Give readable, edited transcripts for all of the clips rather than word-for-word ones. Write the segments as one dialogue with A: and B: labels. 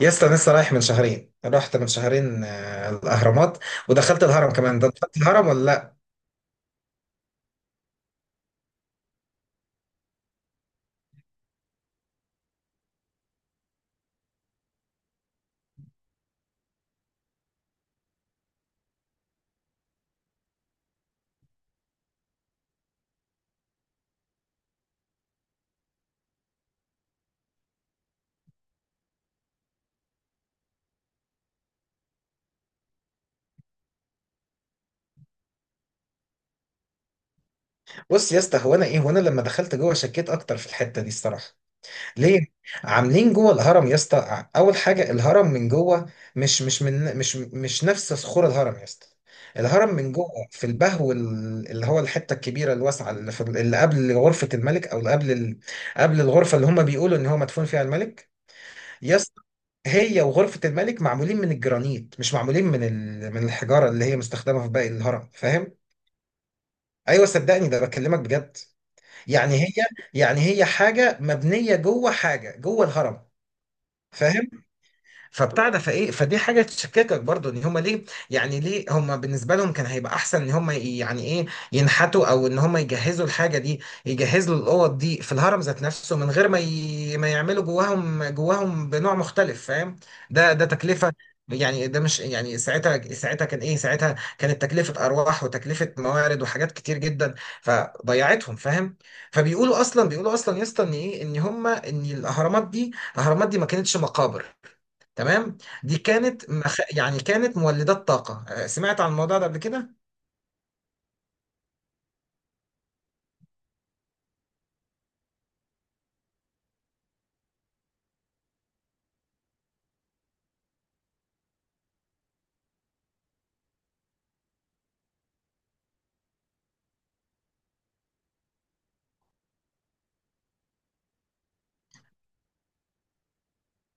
A: يا اسطى أنا لسه رايح من شهرين، رحت من شهرين، الاهرامات ودخلت الهرم كمان. ده دخلت الهرم ولا لا؟ بص يا اسطى، هو انا لما دخلت جوه شكيت اكتر في الحته دي الصراحه. ليه؟ عاملين جوه الهرم يا اسطى اول حاجه، الهرم من جوه مش مش من مش مش نفس صخور الهرم يا اسطى. الهرم من جوه في البهو اللي هو الحته الكبيره الواسعه اللي في اللي قبل غرفه الملك، او قبل الغرفه اللي هم بيقولوا ان هو مدفون فيها الملك. يس، هي وغرفة الملك معمولين من الجرانيت، مش معمولين من الحجارة اللي هي مستخدمة في باقي الهرم، فاهم؟ ايوه صدقني، ده بكلمك بجد. يعني هي، يعني هي حاجة مبنية جوه، حاجة جوه الهرم، فاهم؟ فبتاع ده، فايه، فدي حاجه تشككك برضو ان هم ليه. يعني ليه هم، بالنسبه لهم كان هيبقى احسن ان هم يعني ايه، ينحتوا او ان هم يجهزوا الحاجه دي، يجهزوا الاوض دي في الهرم ذات نفسه من غير ما يعملوا جواهم بنوع مختلف، فاهم؟ ده تكلفه. يعني ده مش يعني، ساعتها كانت تكلفه ارواح وتكلفه موارد وحاجات كتير جدا، فضيعتهم، فاهم؟ فبيقولوا اصلا، بيقولوا اصلا يا اسطى ان ايه، ان هم، ان الاهرامات دي، الاهرامات دي ما كانتش مقابر. تمام، دي كانت مخ... يعني كانت مولدات طاقة. سمعت عن الموضوع ده قبل كده؟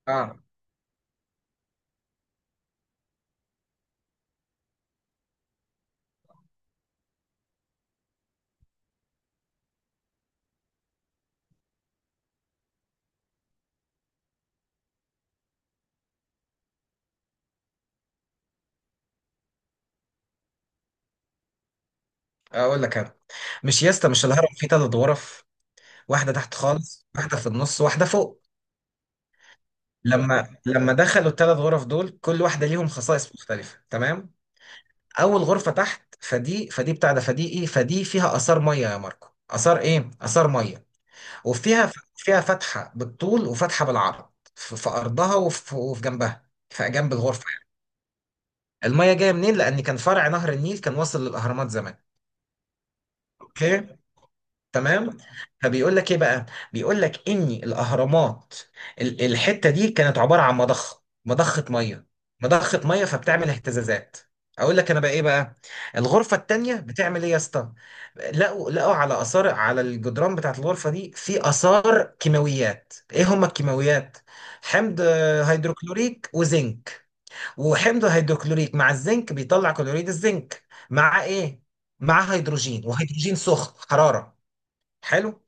A: اه. اقول لك انا، مش يا اسطى، مش الهرم فيه ثلاث غرف؟ واحدة تحت خالص، واحدة في النص، واحدة فوق. لما دخلوا الثلاث غرف دول، كل واحدة ليهم خصائص مختلفة، تمام؟ اول غرفة تحت، فدي فدي بتاع ده فدي ايه فدي فيها آثار مية، يا ماركو، آثار مية. وفيها فتحة بالطول وفتحة بالعرض في أرضها وفي جنبها، في جنب الغرفة. المية جاية منين؟ لأن كان فرع نهر النيل كان واصل للأهرامات زمان. أوكي، تمام. فبيقول لك إيه بقى، بيقول لك إن الأهرامات، الحتة دي كانت عبارة عن مضخة، مضخة مية، مضخة مية، فبتعمل اهتزازات. اقول لك انا بقى ايه بقى. الغرفه التانية بتعمل ايه يا اسطى؟ لقوا على اثار، على الجدران بتاعت الغرفه دي، في اثار كيماويات. ايه هما الكيماويات؟ حمض هيدروكلوريك وزنك. وحمض هيدروكلوريك مع الزنك بيطلع كلوريد الزنك مع ايه؟ مع هيدروجين، وهيدروجين سخن حرارة. حلو.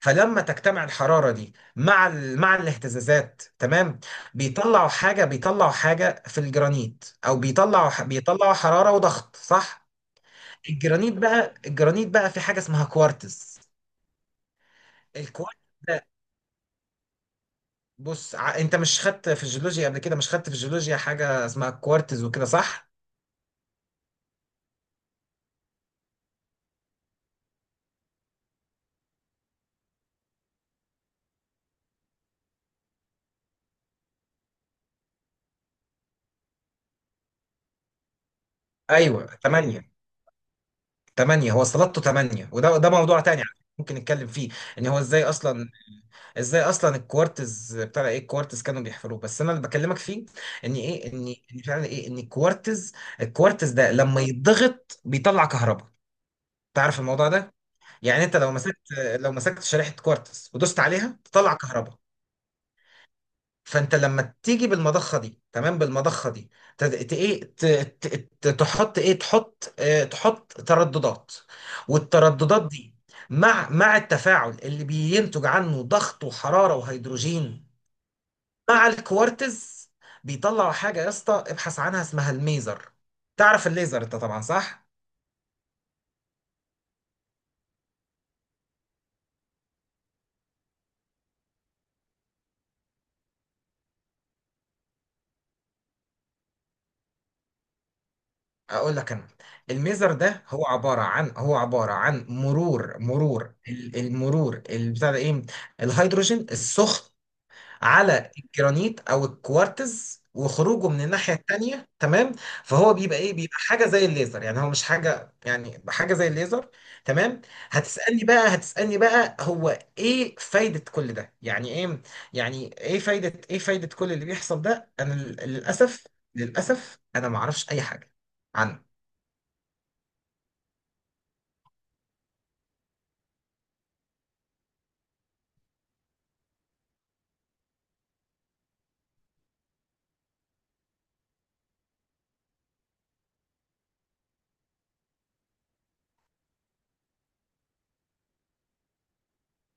A: فلما تجتمع الحرارة دي مع مع الاهتزازات، تمام، بيطلعوا حاجة في الجرانيت، او بيطلعوا حرارة وضغط، صح؟ الجرانيت بقى، الجرانيت بقى في حاجة اسمها كوارتز. الكوارتز ده، انت مش خدت في الجيولوجيا قبل كده؟ مش خدت في الجيولوجيا حاجة اسمها كوارتز وكده، صح؟ ايوه تمانية. تمانية، هو استلطه تمانية. وده موضوع تاني على فكرة ممكن نتكلم فيه، ان هو ازاي اصلا، الكوارتز، بتاع ايه الكوارتز كانوا بيحفروه. بس انا اللي بكلمك فيه ان ايه، ان فعلا ايه، ان الكوارتز، الكوارتز ده لما يتضغط بيطلع كهرباء. تعرف الموضوع ده؟ يعني انت لو مسكت، لو مسكت شريحة كوارتز ودوست عليها تطلع كهرباء. فانت لما تيجي بالمضخه دي، تمام، بالمضخه دي ت- ت- ايه ت- ت- ت- تحط ايه تحط تحط ترددات. والترددات دي مع التفاعل اللي بينتج عنه ضغط وحراره وهيدروجين، مع الكوارتز، بيطلعوا حاجه يا اسطى، ابحث عنها، اسمها الميزر. تعرف الليزر انت طبعا، صح؟ اقول لك انا، الميزر ده هو عباره عن، مرور، مرور ال- المرور البتاع ده ايه الهيدروجين السخن على الجرانيت او الكوارتز، وخروجه من الناحيه التانيه، تمام؟ فهو بيبقى ايه، بيبقى حاجه زي الليزر. يعني هو مش حاجه، يعني حاجه زي الليزر، تمام؟ هتسالني بقى، هتسالني بقى هو ايه فايده كل ده، يعني ايه، يعني ايه فايده كل اللي بيحصل ده. انا للاسف، للاسف انا ما اعرفش اي حاجه عنه.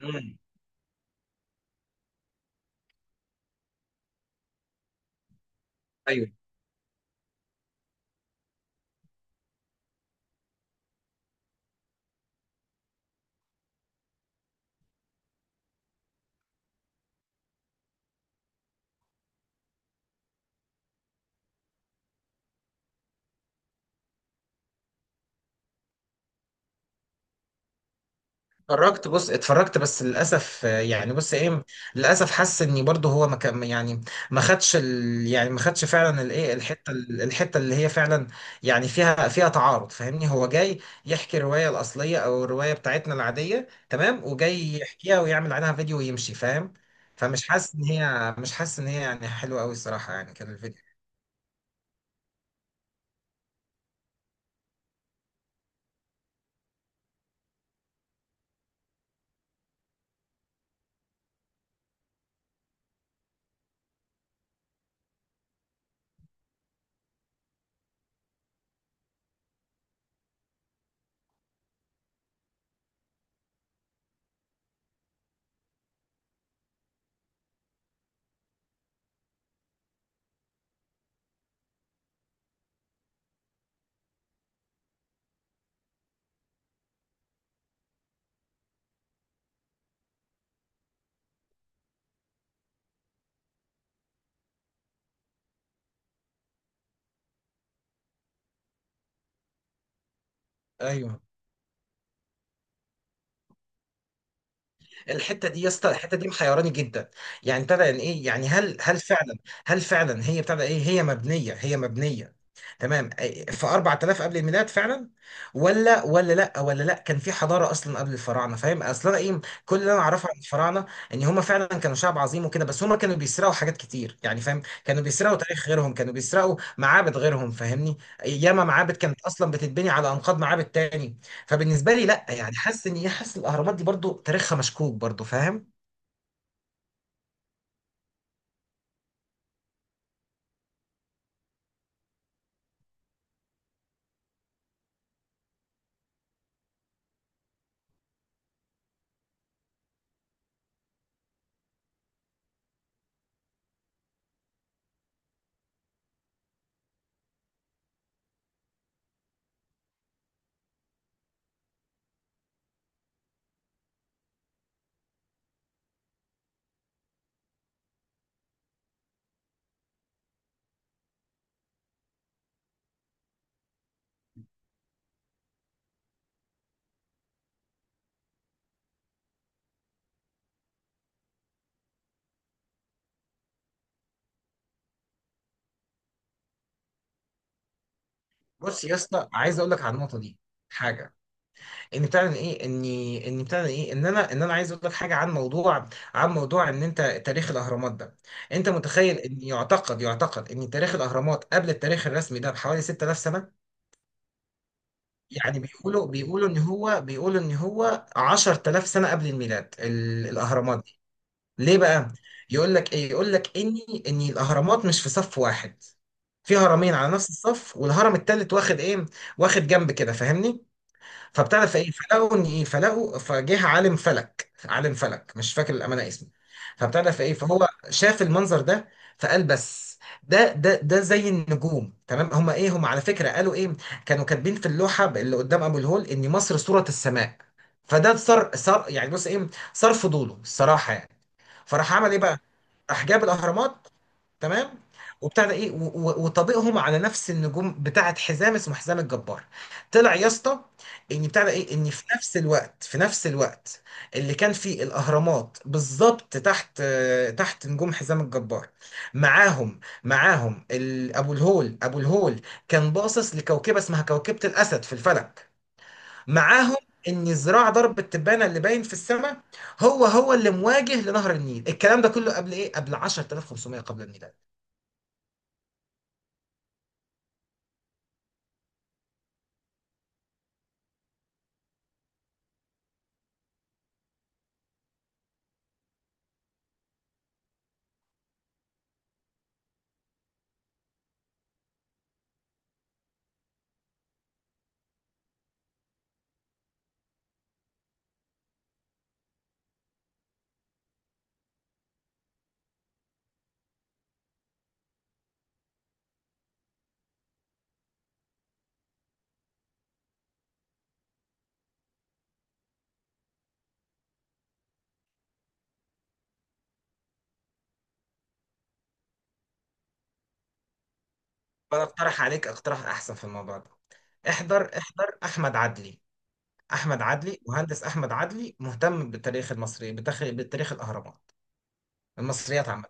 A: مم. اتفرجت، بص اتفرجت، بس للاسف يعني بص ايه، للاسف حاسس اني برضه هو ما كان يعني، ما خدش ال، يعني ما خدش فعلا الايه، الحته الحته اللي هي فعلا يعني فيها، فيها تعارض، فاهمني؟ هو جاي يحكي الروايه الاصليه، او الروايه بتاعتنا العاديه، تمام، وجاي يحكيها ويعمل عنها فيديو ويمشي، فاهم؟ فمش حاسس ان هي، مش حاسس ان هي يعني حلوه قوي الصراحه، يعني كان الفيديو. ايوه الحته دي يا اسطى، الحته دي محيراني جدا. يعني ابتدى يعني ايه يعني هل، هل فعلا، هل فعلا هي ابتدى ايه هي مبنيه تمام في 4000 قبل الميلاد فعلا، ولا ولا لا ولا لا كان في حضاره اصلا قبل الفراعنه، فاهم؟ اصل انا ايه، كل اللي انا اعرفه عن الفراعنه ان هم فعلا كانوا شعب عظيم وكده، بس هم كانوا بيسرقوا حاجات كتير، يعني فاهم، كانوا بيسرقوا تاريخ غيرهم، كانوا بيسرقوا معابد غيرهم، فاهمني؟ ياما معابد كانت اصلا بتتبني على انقاض معابد تاني. فبالنسبه لي لا، يعني حاسس ان حاسس الاهرامات دي برضو تاريخها مشكوك برضو، فاهم؟ بص يا اسطى، عايز اقول لك على النقطه دي حاجه. ان بتاع ايه اني ان بتاع ايه ان انا ان انا عايز اقول لك حاجه عن موضوع، ان انت، تاريخ الاهرامات ده، انت متخيل ان، يعتقد ان تاريخ الاهرامات قبل التاريخ الرسمي ده بحوالي 6000 سنه. يعني بيقولوا ان هو 10,000 سنه قبل الميلاد الاهرامات. ليه بقى؟ يقول لك ايه، يقول لك ان الاهرامات مش في صف واحد. في هرمين على نفس الصف، والهرم التالت واخد ايه، واخد جنب كده، فاهمني؟ فبتعرف ايه، فلقوا ان ايه، فلقوا، فجه عالم فلك، عالم فلك مش فاكر الامانه اسمه. فبتعرف ايه، فهو شاف المنظر ده فقال بس ده، ده زي النجوم، تمام؟ هما ايه هما، على فكره قالوا ايه، كانوا كاتبين في اللوحه اللي قدام ابو الهول ان مصر صوره السماء. فده صار، صار يعني بص ايه صار فضوله الصراحه يعني. فراح عمل ايه بقى، راح جاب الاهرامات، تمام، وبتاع ده ايه و- و- وطبيقهم على نفس النجوم بتاعه حزام، اسمه حزام الجبار. طلع يا اسطى ان بتاع ده ايه ان في نفس الوقت، اللي كان فيه الاهرامات بالظبط تحت، تحت نجوم حزام الجبار. معاهم ابو الهول، ابو الهول كان باصص لكوكبه اسمها كوكبه الاسد في الفلك. معاهم ان ذراع ضرب التبانه اللي باين في السماء هو اللي مواجه لنهر النيل. الكلام ده كله قبل ايه، قبل 10,500 قبل الميلاد. وانا اقترح عليك اقتراح احسن في الموضوع ده. احضر احمد عدلي. احمد عدلي، مهندس احمد عدلي، مهتم بالتاريخ المصري، بتاريخ، بالتاريخ، الاهرامات، المصريات عامه.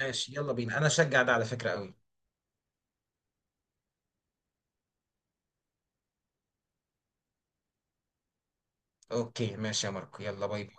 A: ماشي يلا بينا، انا اشجع ده على فكره قوي. اوكي ماشي يا ماركو، يلا باي باي.